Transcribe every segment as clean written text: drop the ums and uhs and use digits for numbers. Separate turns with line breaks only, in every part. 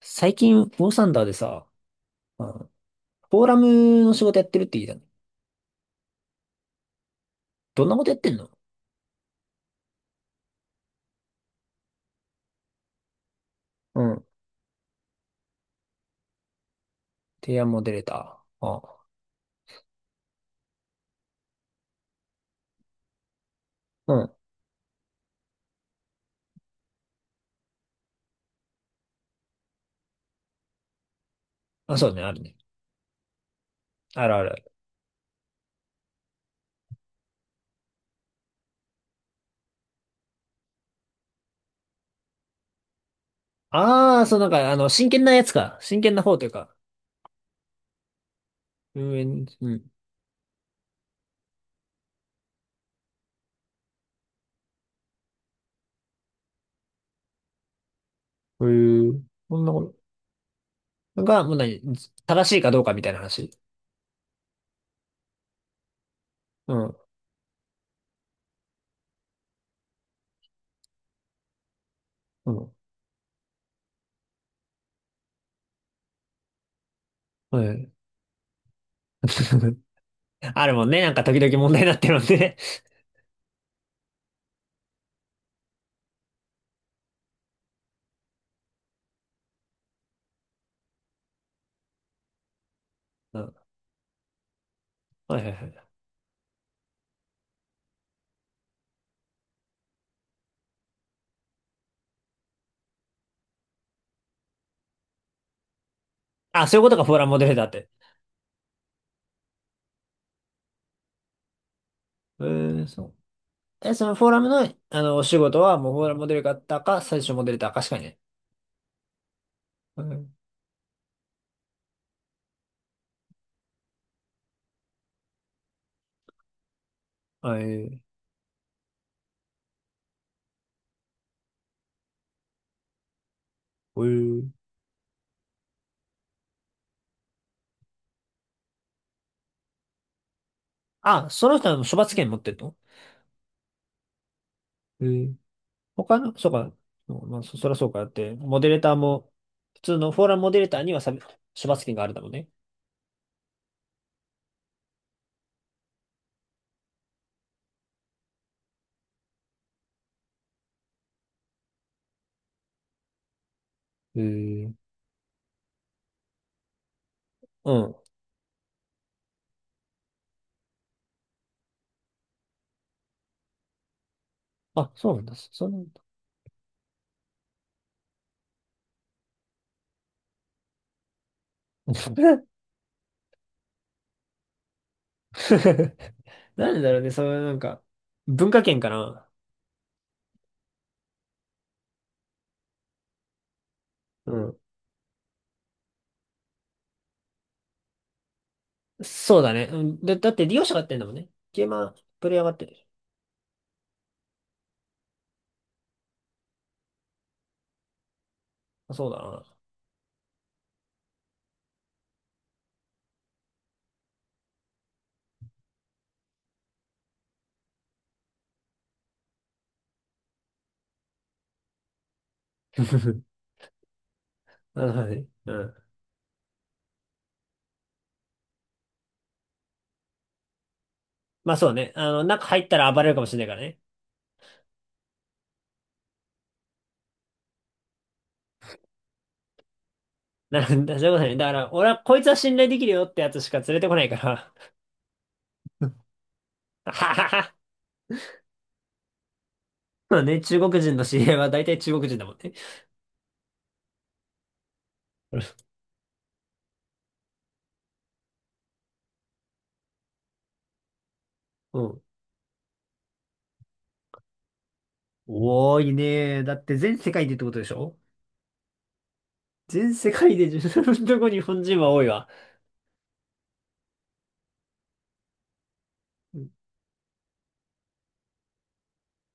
最近、ウォーサンダーでさ、うん、フォーラムの仕事やってるって言いたの。どんなことやってんの？うん。提案モデレーター。ああ、うん。あ、そうね、あるね。あるあるある。ああ、そう、なんか、真剣なやつか。真剣な方というか。運営に、うん。へえ、こんなことが、もう何、正しいかどうかみたいな話。うん。うん。はい。あるもんね。なんか、時々問題になってるもんね。うん。はいはいはい。あ、そういうことか、フォーラムモデレーターって。ええ、そう。え、そのフォーラムの、お仕事は、もうフォーラムモデルだったか、最初モデルだったかしかいない。はい。あ、ーえー、あ、その人はもう処罰権持ってるの？えー、他の、そうか、そうまあ、そらそうかだって、モデレーターも、普通のフォーラムモデレーターにはさ、処罰権があるだもんね。えー、うん。あ、そうなんだ。そうなんだ。なんでだろうね、そういうなんか、文化圏かな。うん。そうだね。うん、で、だって利用者がやってんだもんね。ゲーマー、プレイヤーがやってる。あそうだな。あのね。うん。まあそうね。中入ったら暴れるかもしれないからね。なるほ そういうことね。だから、俺はこいつは信頼できるよってやつしか連れてこないから。ははは。まあね、中国人の知り合いは大体中国人だもんね。うん。多いね。だって全世界でってことでしょ？全世界で自分のとこ日本人は多いわ。うん。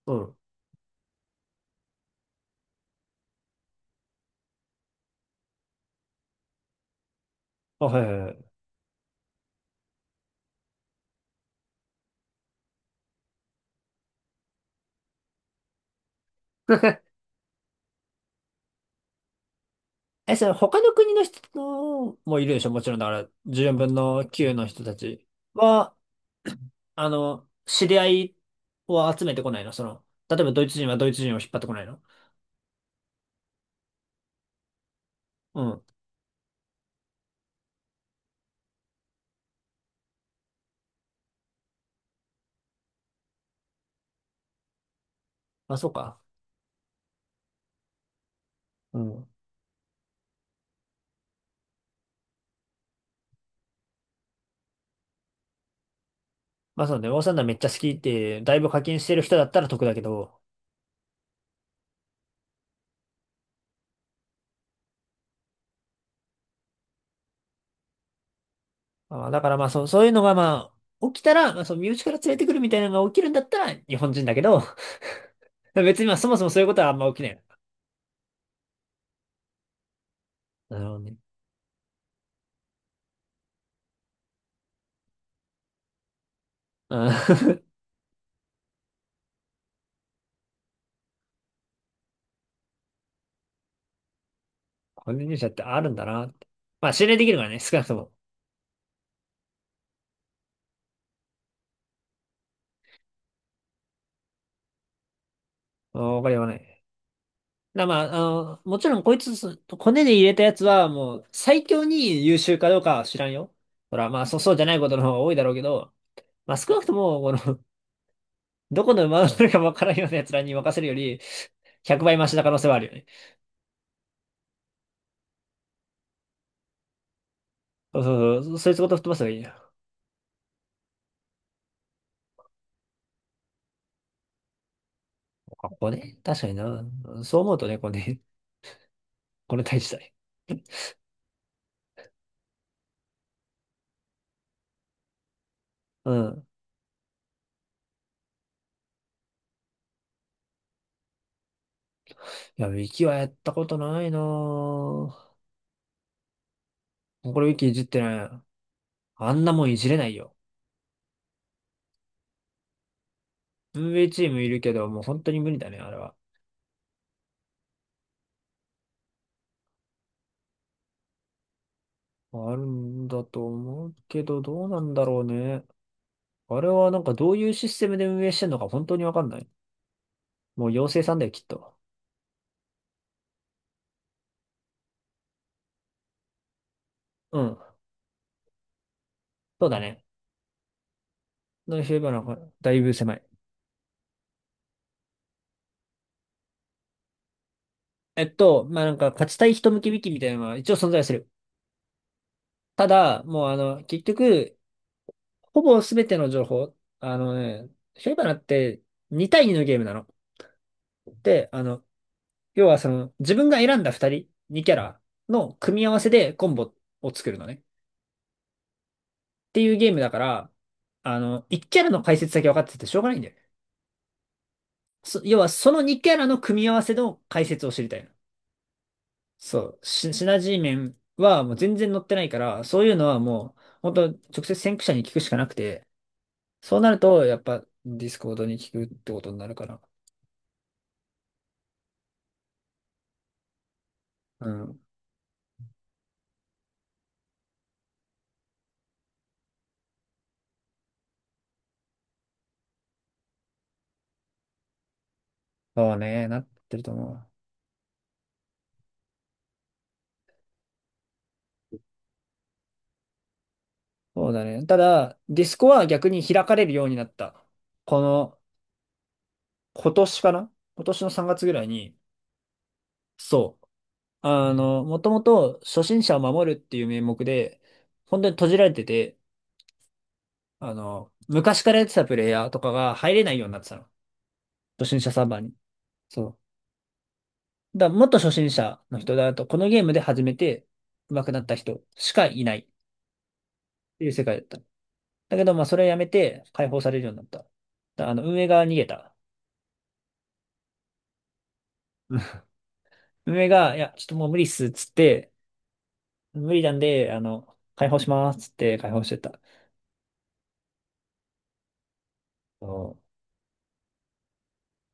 うんあ、はいはいはい。え、それ他の国の人のもいるでしょ？もちろんだから、14分の9の人たちは、知り合いを集めてこないの？その、例えばドイツ人はドイツ人を引っ張ってこないの？うん。まあ、そうか。うん。まあ、そうね。オーサンダーめっちゃ好きって、だいぶ課金してる人だったら得だけど、まあだからまあ、そう、そういうのがまあ、起きたら、まあ、そう、身内から連れてくるみたいなのが起きるんだったら、日本人だけど、別にまあ、そもそもそういうことはあんま起きない。なるほどね。うん。個人入社ってあるんだなって。まあ、信頼できるからね、少なくとも。うんわかりはない。だまあ、もちろんこいつ、骨に入れたやつはもう最強に優秀かどうかは知らんよ。ほら、まあ、そう、そうじゃないことの方が多いだろうけど、まあ少なくとも、この、どこの馬が乗のかわからんような奴らに任せるより、100倍マシな可能性はあるよね。そうそうそう、そいつごと吹っ飛ばせばいいよ。あ骨確かにな。そう思うとね、骨、骨大事だね。うん。いや、ウィキはやったことないなぁ。これウィキいじってない。あんなもんいじれないよ。運営チームいるけど、もう本当に無理だね、あれは。あるんだと思うけど、どうなんだろうね。あれはなんかどういうシステムで運営してんのか本当にわかんない。もう妖精さんだよ、きっと。うん。そうだね。のフィなんかだいぶ狭い。まあ、なんか勝ちたい人向き引きみたいなのは一応存在する。ただ、もう結局、ほぼ全ての情報、あのね、フィーバナって2対2のゲームなの。で、要はその、自分が選んだ2人、2キャラの組み合わせでコンボを作るのね。っていうゲームだから、1キャラの解説だけ分かっててしょうがないんだよね。要は、その2キャラの組み合わせの解説を知りたいの。そう。シナジー面はもう全然載ってないから、そういうのはもう、本当直接先駆者に聞くしかなくて、そうなると、やっぱ、ディスコードに聞くってことになるから。うん。そうね、なってると思う。そうだね。ただ、ディスコは逆に開かれるようになった。この、今年かな？今年の3月ぐらいに、そう。もともと初心者を守るっていう名目で、本当に閉じられてて、昔からやってたプレイヤーとかが入れないようになってたの。初心者サーバーに。そう。だからもっと初心者の人だと、このゲームで初めて上手くなった人しかいないっていう世界だっただけど、まあ、それをやめて解放されるようになった。だから運営が逃げた。うん運営が、いや、ちょっともう無理っす、つって、無理なんで、解放します、つって解放してた。そう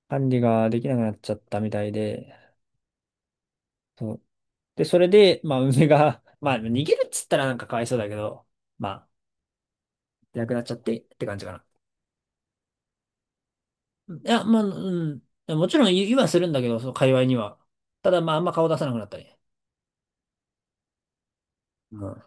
管理ができなくなっちゃったみたいで、そう。で、それで、まあ、梅が、まあ、逃げるっつったらなんかかわいそうだけど、まあ、いなくなっちゃってって感じかな。うんいや、まあ、うん。もちろん言いはするんだけど、その界隈には。ただ、まあ、あんま顔出さなくなったり。うん。